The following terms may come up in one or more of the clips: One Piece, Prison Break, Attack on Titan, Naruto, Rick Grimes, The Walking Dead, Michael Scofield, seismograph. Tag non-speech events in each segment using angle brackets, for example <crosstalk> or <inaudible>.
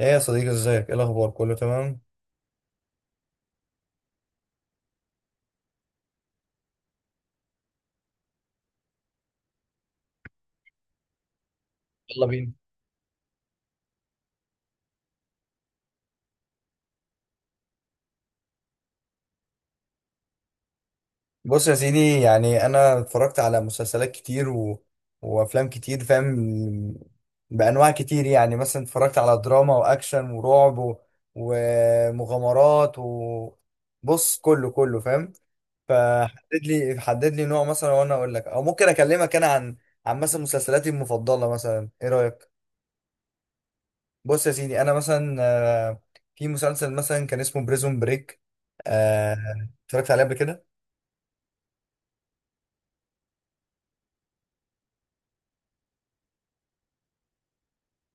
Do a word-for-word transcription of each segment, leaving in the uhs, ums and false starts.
ايه يا صديقي ازيك؟ ايه الاخبار؟ كله تمام؟ يلا بينا. بص يا سيدي، يعني انا اتفرجت على مسلسلات كتير و... وافلام كتير، فاهم؟ بانواع كتير، يعني مثلا اتفرجت على دراما واكشن ورعب و... ومغامرات و بص كله كله فاهم. فحدد لي حدد لي نوع مثلا وانا اقول لك، او ممكن اكلمك انا عن عن مثلا مسلسلاتي المفضلة مثلا، ايه رأيك؟ بص يا سيدي، انا مثلا آه، في مسلسل مثلا كان اسمه بريزون بريك، اتفرجت عليه قبل كده.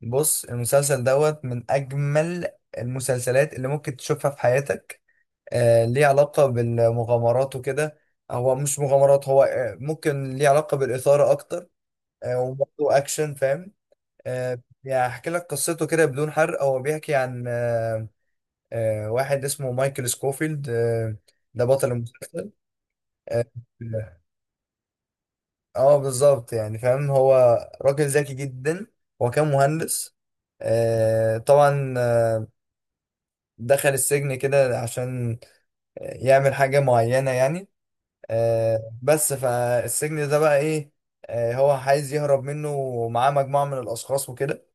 بص، المسلسل دوت من اجمل المسلسلات اللي ممكن تشوفها في حياتك. آه، ليه علاقة بالمغامرات وكده. هو مش مغامرات، هو آه، ممكن ليه علاقة بالإثارة اكتر. آه، وبرضه اكشن، فاهم. آه، يعني هحكي لك قصته كده بدون حرق. هو بيحكي عن آه، آه، واحد اسمه مايكل سكوفيلد آه، ده بطل المسلسل. آه، اه بالظبط، يعني فاهم. هو راجل ذكي جدا، هو كان مهندس آه طبعا آه دخل السجن كده عشان يعمل حاجة معينة يعني آه بس فالسجن ده بقى ايه؟ آه هو عايز يهرب منه ومعاه مجموعة من الأشخاص وكده.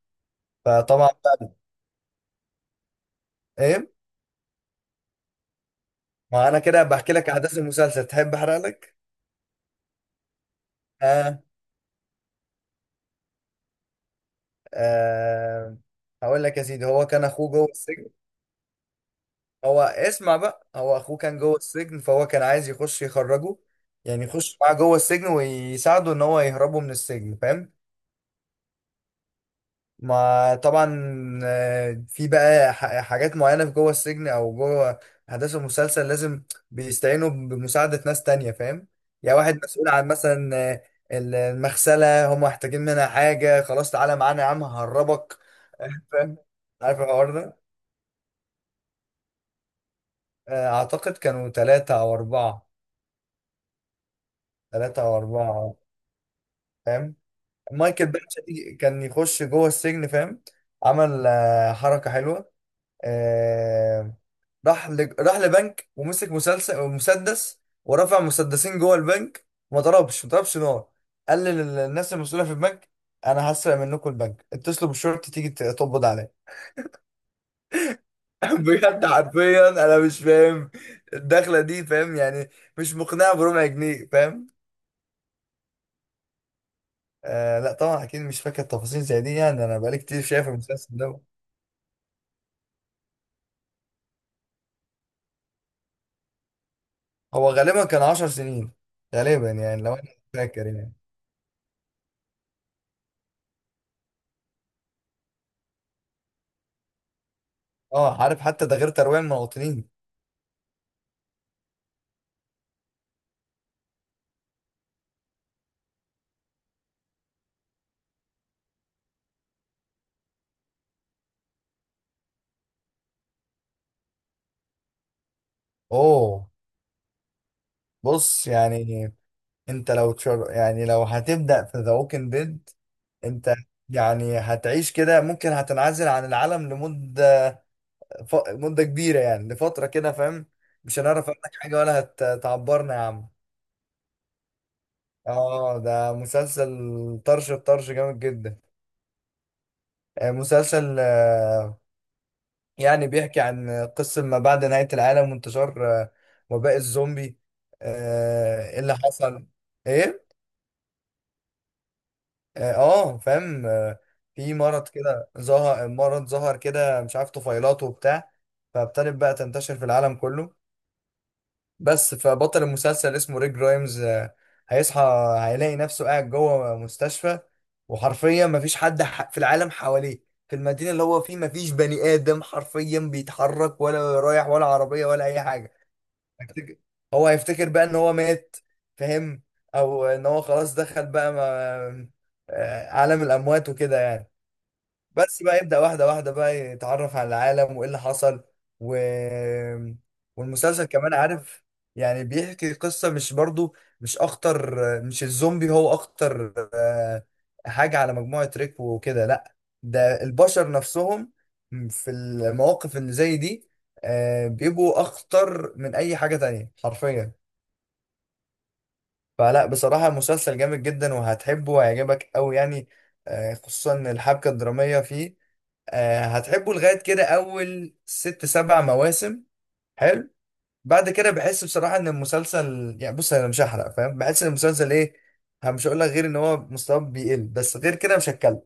فطبعا بقى ايه، ما انا كده بحكي لك أحداث المسلسل، تحب أحرق لك؟ آه آه هقول لك يا سيدي، هو كان أخوه جوه السجن. هو اسمع بقى، هو اخوه كان جوه السجن، فهو كان عايز يخش يخرجه، يعني يخش معاه جوه السجن ويساعده ان هو يهربه من السجن، فاهم. ما طبعا آه، في بقى ح- حاجات معينة في جوه السجن او جوه احداث المسلسل، لازم بيستعينوا بمساعدة ناس تانية، فاهم. يعني واحد مسؤول عن مثلا آه، ال- المغسلة، هم محتاجين منها حاجة، خلاص تعالى معانا يا عم ههربك. <laughs> فاهم، عارف الحوار ده. آه، اعتقد كانوا ثلاثة او اربعة. ثلاثة او اربعة فاهم. مايكل باتش دي كان يخش جوه السجن، فاهم. عمل آه، حركة حلوة آه، راح ل... راح لبنك ومسك مسلسل مسدس ورفع مسدسين جوه البنك، وما ضربش ما ضربش نار. قال للناس المسؤولة في البنك: انا هسرق منكم البنك، اتصلوا بالشرطة تيجي ت- تقبض عليا. <laughs> بجد حرفيا انا مش فاهم الدخلة دي، فاهم يعني، مش مقنعة بربع جنيه، فاهم. آه لا طبعا اكيد مش فاكر تفاصيل زي دي، يعني انا بقالي كتير شايف المسلسل ده. هو غالبا كان عشر سنين غالبا، يعني لو انا فاكر يعني. اه عارف، حتى ده غير ترويع المواطنين. اوه، بص يعني، انت لو تشر... يعني لو هتبدأ في ذا ووكينج ديد، انت يعني هتعيش كده، ممكن هتنعزل عن العالم لمدة ف... مدة كبيرة، يعني لفترة كده، فاهم. مش هنعرف عنك حاجة، ولا هتعبرنا يا عم. اه، ده مسلسل طرش الطرش جامد جدا. آه، مسلسل آه، يعني بيحكي عن قصة ما بعد نهاية العالم وانتشار آه، وباء الزومبي. آه، ايه اللي حصل ايه، اه آه، فاهم آه، في مرض كده، ظهر مرض ظهر كده مش عارف طفيلاته وبتاع. فابتدت بقى تنتشر في العالم كله. بس فبطل المسلسل اسمه ريك جرايمز آه، هيصحى هيلاقي نفسه قاعد جوه مستشفى، وحرفيا مفيش حد ح- في العالم حواليه، في المدينة اللي هو فيه مفيش بني آدم حرفيا بيتحرك، ولا رايح، ولا عربية، ولا أي حاجة. هيفتكر، هو هيفتكر بقى ان هو مات، فاهم، او ان هو خلاص دخل بقى ما... آه، عالم الاموات وكده يعني. بس بقى يبدأ واحدة واحدة بقى يتعرف على العالم وإيه اللي حصل و... والمسلسل كمان عارف، يعني بيحكي قصة، مش برضو مش أخطر، مش الزومبي هو أخطر آه، حاجة على مجموعة ريك وكده، لأ، ده البشر نفسهم في المواقف اللي زي دي آه، بيبقوا أخطر من أي حاجة تانية حرفيا. فلا بصراحة المسلسل جامد جدا، وهتحبه وهيعجبك أوي يعني آه، خصوصا الحبكة الدرامية فيه. آه، هتحبه لغاية كده أول ست سبع مواسم. حلو. بعد كده بحس بصراحة إن المسلسل يعني، بص أنا مش هحرق، فاهم، بحس إن المسلسل إيه، أنا مش هقول لك غير إن هو مستواه بيقل، بس غير كده مش هتكلم.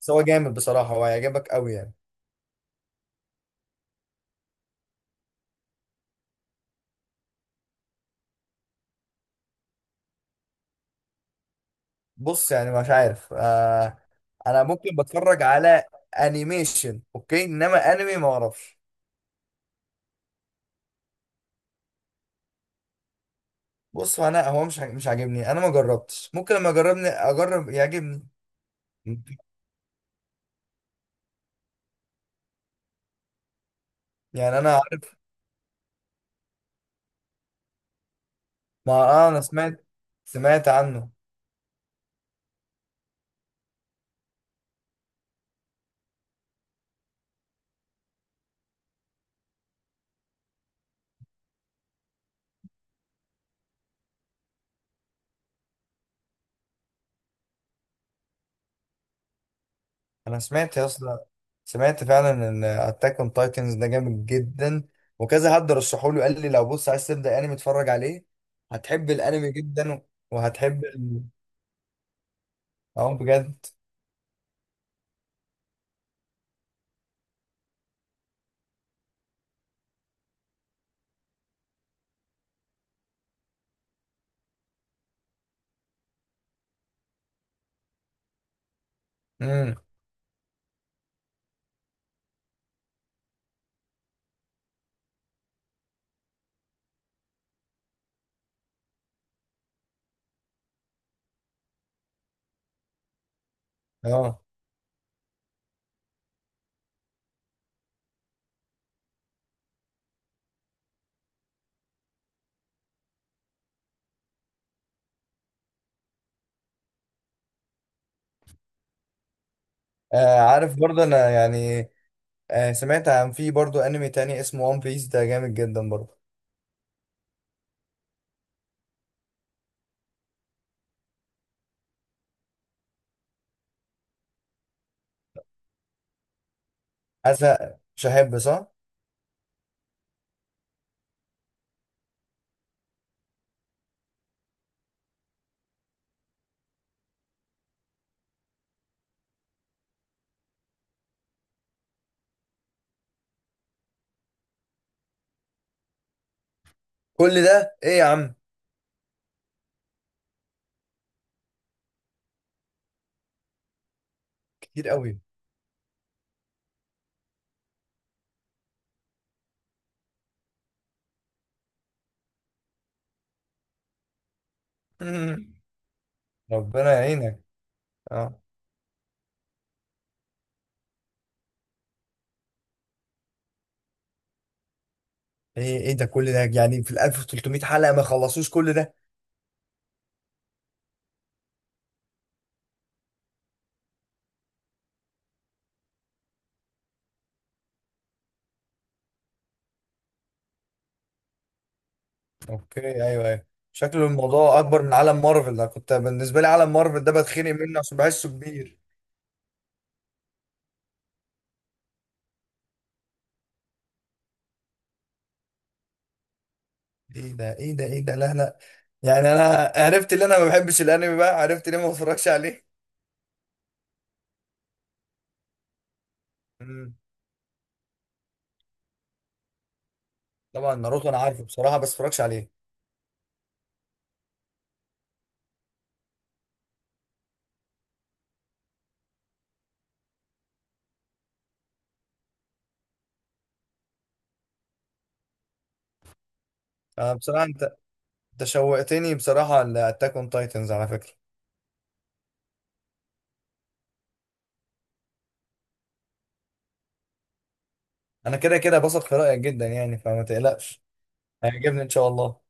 بس هو جامد بصراحة وهيعجبك أوي يعني. بص يعني مش عارف، آه. أنا ممكن بتفرج على أنيميشن، أوكي، إنما أنمي ما أعرفش. بص هو أنا، هو مش عاج- مش عاجبني، أنا ما جربتش، ممكن لما أجربني أجرب يعجبني. يعني أنا عارف. ما آه، أنا سمعت سمعت عنه. انا سمعت يا اسطى، سمعت فعلا ان اتاك اون تايتنز ده جامد جدا، وكذا حد رشحه لي قال لي لو بص عايز تبدا انمي اتفرج عليه، هتحب الانمي جدا. وهتحب ال- اه بجد. امم، اه. آه، عارف برضه انا يعني آه، سمعت عن، في برضه انمي تاني اسمه وان بيس، ده جامد جدا برضه. حاسس مش هحب، صح؟ كل ده ايه يا عم؟ كتير قوي. مم. ربنا يعينك. اه. ايه ايه ده كل ده، يعني في ال ألف وثلاثمية حلقه ما خلصوش كل ده؟ اوكي، ايوه ايوه. شكله الموضوع اكبر من عالم مارفل، انا كنت بالنسبه لي عالم مارفل ده بتخنق منه عشان بحسه كبير. ايه ده ايه ده ايه ده، لا لا، يعني انا عرفت ان انا ما بحبش الانمي، بقى عرفت ليه ما بتفرجش عليه. امم. طبعا ناروتو انا عارفه بصراحه، بس بتفرجش عليه. أنا بصراحه انت، انت شوقتني بصراحه لاتاك اون تايتنز على فكره. انا كده كده بثق في رايك جدا يعني، فما تقلقش. هيعجبني ان شاء الله.